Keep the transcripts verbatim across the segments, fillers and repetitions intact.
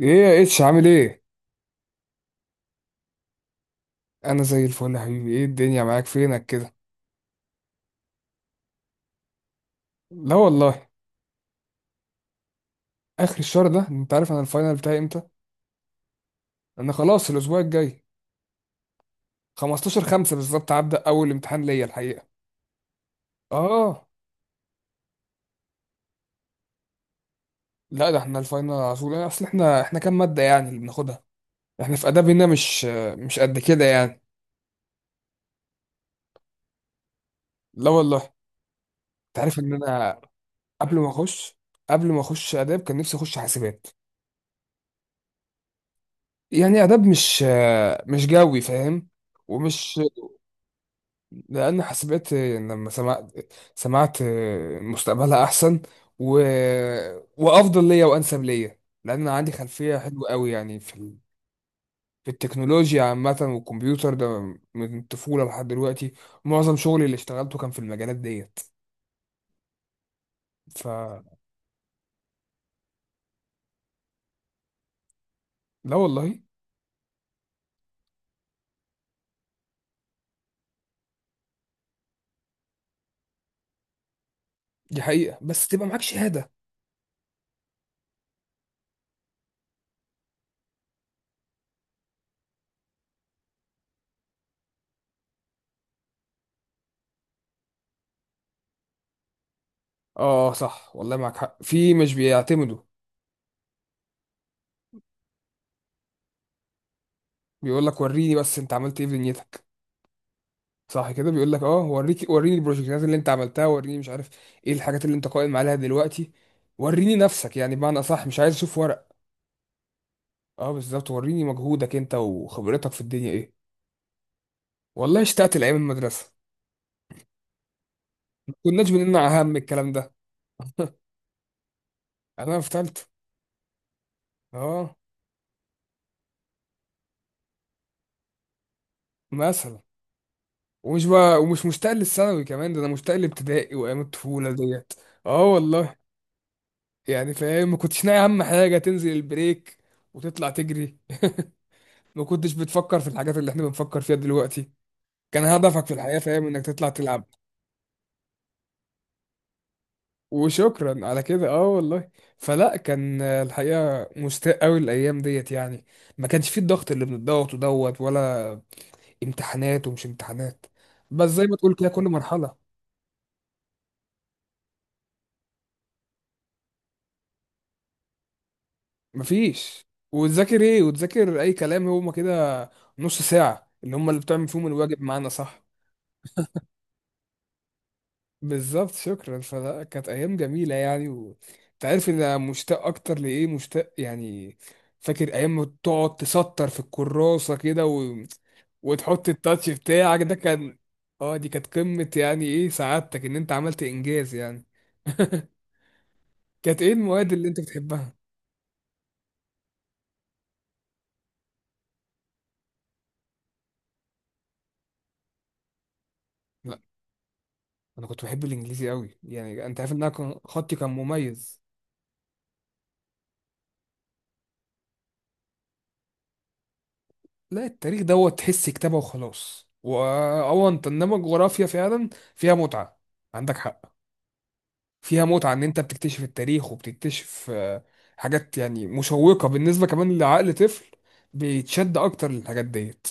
ايه يا اتش عامل ايه؟ انا زي الفل يا حبيبي، ايه الدنيا معاك؟ فينك كده؟ لا والله. اخر الشهر ده؟ انت عارف انا الفاينل بتاعي امتى؟ انا خلاص الاسبوع الجاي، خمستاشر خمسة بالظبط هبدا اول امتحان ليا الحقيقه. اه. لا ده احنا الفاينل على طول، اصل احنا احنا كام ماده يعني اللي بناخدها؟ احنا في اداب هنا، مش مش قد كده يعني. لا والله. انت عارف ان انا قبل ما اخش قبل ما اخش اداب كان نفسي اخش حاسبات. يعني اداب مش مش جوي فاهم، ومش لأن حسبت لما سمعت سمعت مستقبلها أحسن و... وأفضل ليا وأنسب ليا، لأن أنا عندي خلفية حلوة قوي يعني في ال... في التكنولوجيا عامة، والكمبيوتر ده من الطفولة لحد دلوقتي. معظم شغلي اللي اشتغلته كان في المجالات ديت. ف لا والله. دي حقيقة، بس تبقى معاك شهادة. اه صح والله، معاك حق في مش بيعتمدوا. بيقول لك وريني بس انت عملت ايه في دنيتك. صح كده، بيقول لك اه، وريك وريني البروجكتات اللي انت عملتها، وريني مش عارف ايه الحاجات اللي انت قائم عليها دلوقتي. وريني نفسك، يعني بمعنى اصح مش عايز اشوف ورق. اه بالظبط، وريني مجهودك انت وخبرتك في الدنيا ايه. والله اشتقت لايام المدرسه، ما كناش بنمنع اهم الكلام ده. انا في ثالثه. اه. مثلا. ومش بقى ومش مشتاق للثانوي كمان، ده انا مشتاق لابتدائي وايام الطفوله ديت. اه والله. يعني فاهم، ما كنتش ناقي اهم حاجه تنزل البريك وتطلع تجري. ما كنتش بتفكر في الحاجات اللي احنا بنفكر فيها دلوقتي. كان هدفك في الحقيقة فاهم انك تطلع تلعب. وشكرا على كده، اه والله. فلا كان آه، الحقيقة مستاء قوي الايام ديت يعني. ما كانش فيه الضغط اللي بنضغط ودوت، ولا امتحانات ومش امتحانات. بس زي ما تقول كده، كل مرحلة. مفيش. وتذاكر ايه، وتذاكر اي كلام، هما كده نص ساعة اللي هما اللي بتعمل فيهم الواجب معانا، صح. بالظبط، شكرا. فلا كانت ايام جميله يعني و... انت عارف ان انا مشتاق اكتر لايه مشتاق يعني؟ فاكر ايام ما تقعد تسطر في الكراسه كده و... وتحط التاتش بتاعك، ده كان. اه دي كانت قمه، يعني ايه سعادتك ان انت عملت انجاز يعني. كانت ايه المواد اللي انت بتحبها؟ لا انا كنت بحب الانجليزي قوي، يعني انت عارف ان انا كان- خطي كان مميز. لا التاريخ دوت تحس كتابه وخلاص، واه انت انما الجغرافيا فعلا فيها متعه. عندك حق، فيها متعة ان انت بتكتشف التاريخ وبتكتشف آه، حاجات يعني مشوقة، بالنسبة كمان لعقل طفل بيتشد اكتر للحاجات ديت.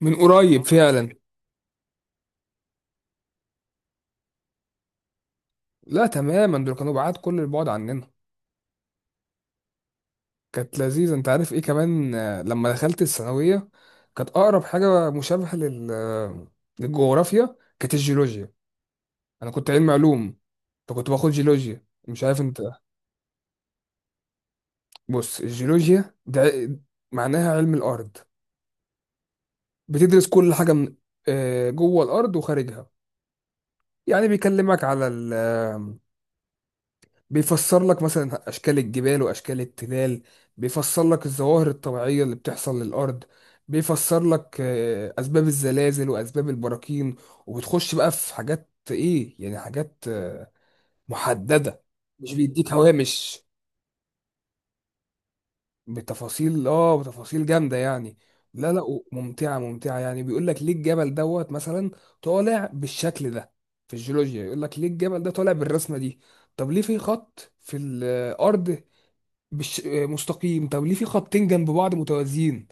من قريب فعلا. لا تماما، دول كانوا بعاد كل البعد عننا. كانت لذيذة. انت عارف ايه كمان آه، لما دخلت الثانوية، كانت اقرب حاجة مشابهة لل آه، للجغرافيا كانت الجيولوجيا. انا كنت علمي علوم، فكنت باخد جيولوجيا، مش عارف انت. بص الجيولوجيا ده معناها علم الارض. بتدرس كل حاجة من آه، جوه الأرض وخارجها. يعني بيكلمك على ال آه، بيفسر لك مثلا أشكال الجبال وأشكال التلال، بيفسر لك الظواهر الطبيعية اللي بتحصل للأرض، بيفسر لك آه، أسباب الزلازل وأسباب البراكين. وبتخش بقى في حاجات إيه يعني، حاجات آه، محددة، مش بيديك هوامش. بتفاصيل، اه بتفاصيل جامده يعني. لا لا ممتعه ممتعه يعني بيقول لك ليه الجبل دوت مثلا طالع بالشكل ده. في الجيولوجيا يقول لك ليه الجبل ده طالع بالرسمه دي، طب ليه في خط في الارض بالش... آه، مستقيم، طب ليه في خطين جنب بعض متوازيين.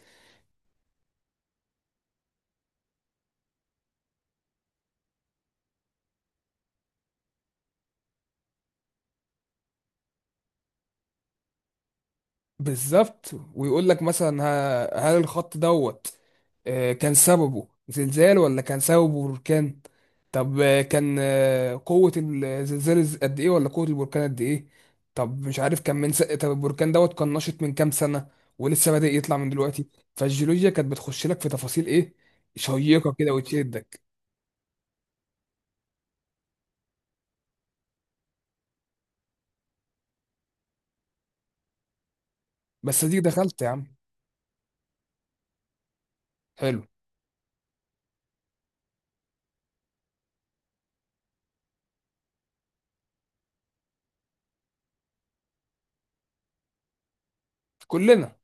بالظبط، ويقول لك مثلا ه- هل الخط دوت آه، كان سببه زلزال ولا كان سببه بركان؟ طب آه، كان آه، قوة الزلزال از- قد ايه، ولا قوة البركان قد ايه؟ طب مش عارف كان من س... طب البركان دوت كان نشط من كام سنة، ولسه بادئ يطلع من دلوقتي. فالجيولوجيا كانت بتخش لك في تفاصيل ايه، شيقة كده وتشدك. بس دي دخلت يا عم. حلو. كلنا.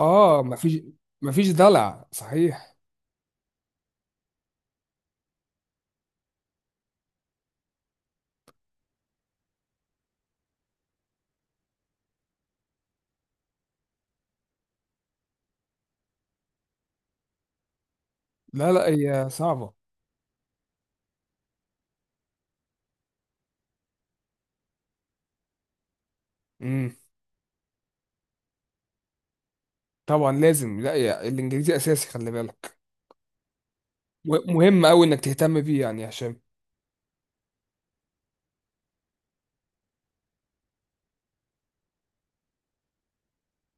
اه. مفيش مفيش دلع صحيح. لا لا، هي صعبة. طبعا لازم، لا يا الانجليزي اساسي، خلي بالك. و- مهم قوي انك تهتم بيه يعني يا هشام.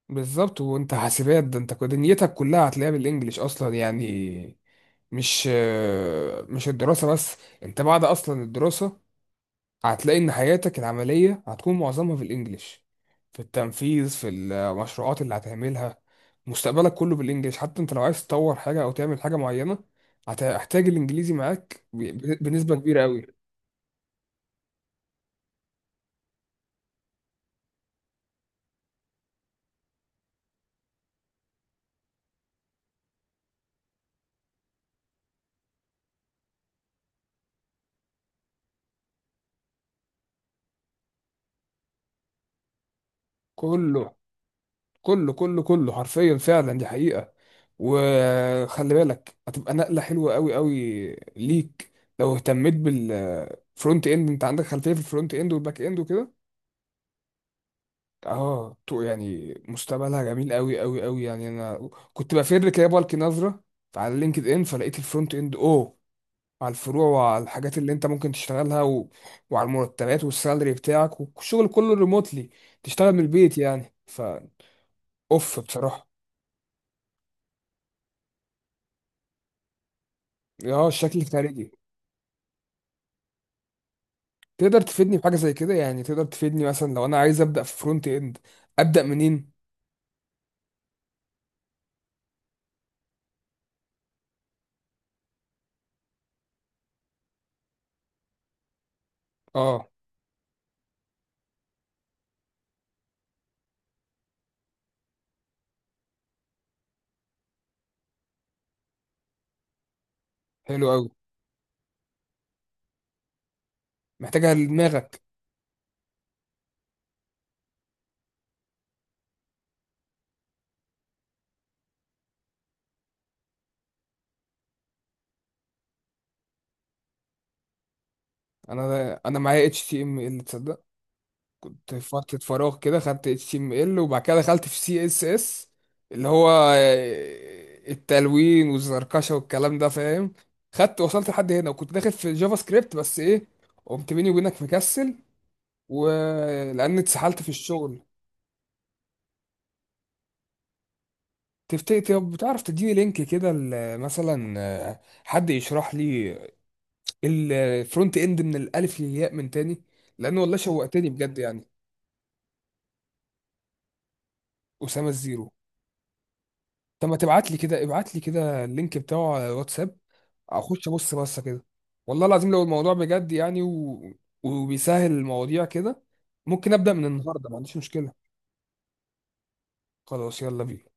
بالظبط، وانت حاسبات ده انت دنيتك كلها هتلاقيها بالانجليش اصلا يعني، مش مش الدراسة بس. انت بعد اصلا الدراسة هتلاقي ان حياتك العملية هتكون معظمها في الانجليش، في التنفيذ، في المشروعات اللي هتعملها. مستقبلك كله بالانجليش، حتى انت لو عايز تطور حاجة او تعمل حاجة معينة هتحتاج الانجليزي معاك ب- بنسبة كبيرة قوي. كله كله كله كله حرفيا فعلا، دي حقيقة. وخلي بالك هتبقى نقلة حلوة قوي قوي ليك. لو اهتميت بالفرونت اند، انت عندك خلفية في الفرونت اند والباك اند وكده. اه تو- يعني مستقبلها جميل قوي قوي قوي، يعني انا كنت بفر كده بلقي نظرة على لينكد ان، فلقيت الفرونت اند اوه، على الفروع وعلى الحاجات اللي انت ممكن تشتغلها و... وعلى المرتبات والسالري بتاعك، والشغل كله ريموتلي تشتغل من البيت يعني. ف اوف بصراحة، اه الشكل الخارجي. تقدر تفيدني بحاجة زي كده يعني؟ تقدر تفيدني مثلا لو انا عايز ابدأ في فرونت اند، ابدأ منين؟ اه حلو قوي، محتاجها لدماغك. انا انا معايا اتش تي ام ال، تصدق؟ في فترة فراغ كده خدت اتش تي ام ال، وبعد كده دخلت في سي اس اس، اللي هو آه، التلوين والزركشة والكلام ده فاهم. خدت وصلت لحد هنا، وكنت داخل في جافا سكريبت، بس ايه، قمت بيني وبينك مكسل، ولان اتسحلت في الشغل. تفتكر طب بتعرف تديني لينك كده ل- مثلا آه، حد يشرح لي الفرونت اند من الالف للياء من تاني، لان والله شوقتني بجد يعني. اسامه الزيرو؟ طب ما تبعت لي كده، ابعت لي كده اللينك بتاعه على واتساب، اخش ابص بصه كده. والله العظيم لو الموضوع بجد يعني و... وبيسهل المواضيع كده، ممكن ابدا من النهارده، ما عنديش مشكله. خلاص يلا بينا.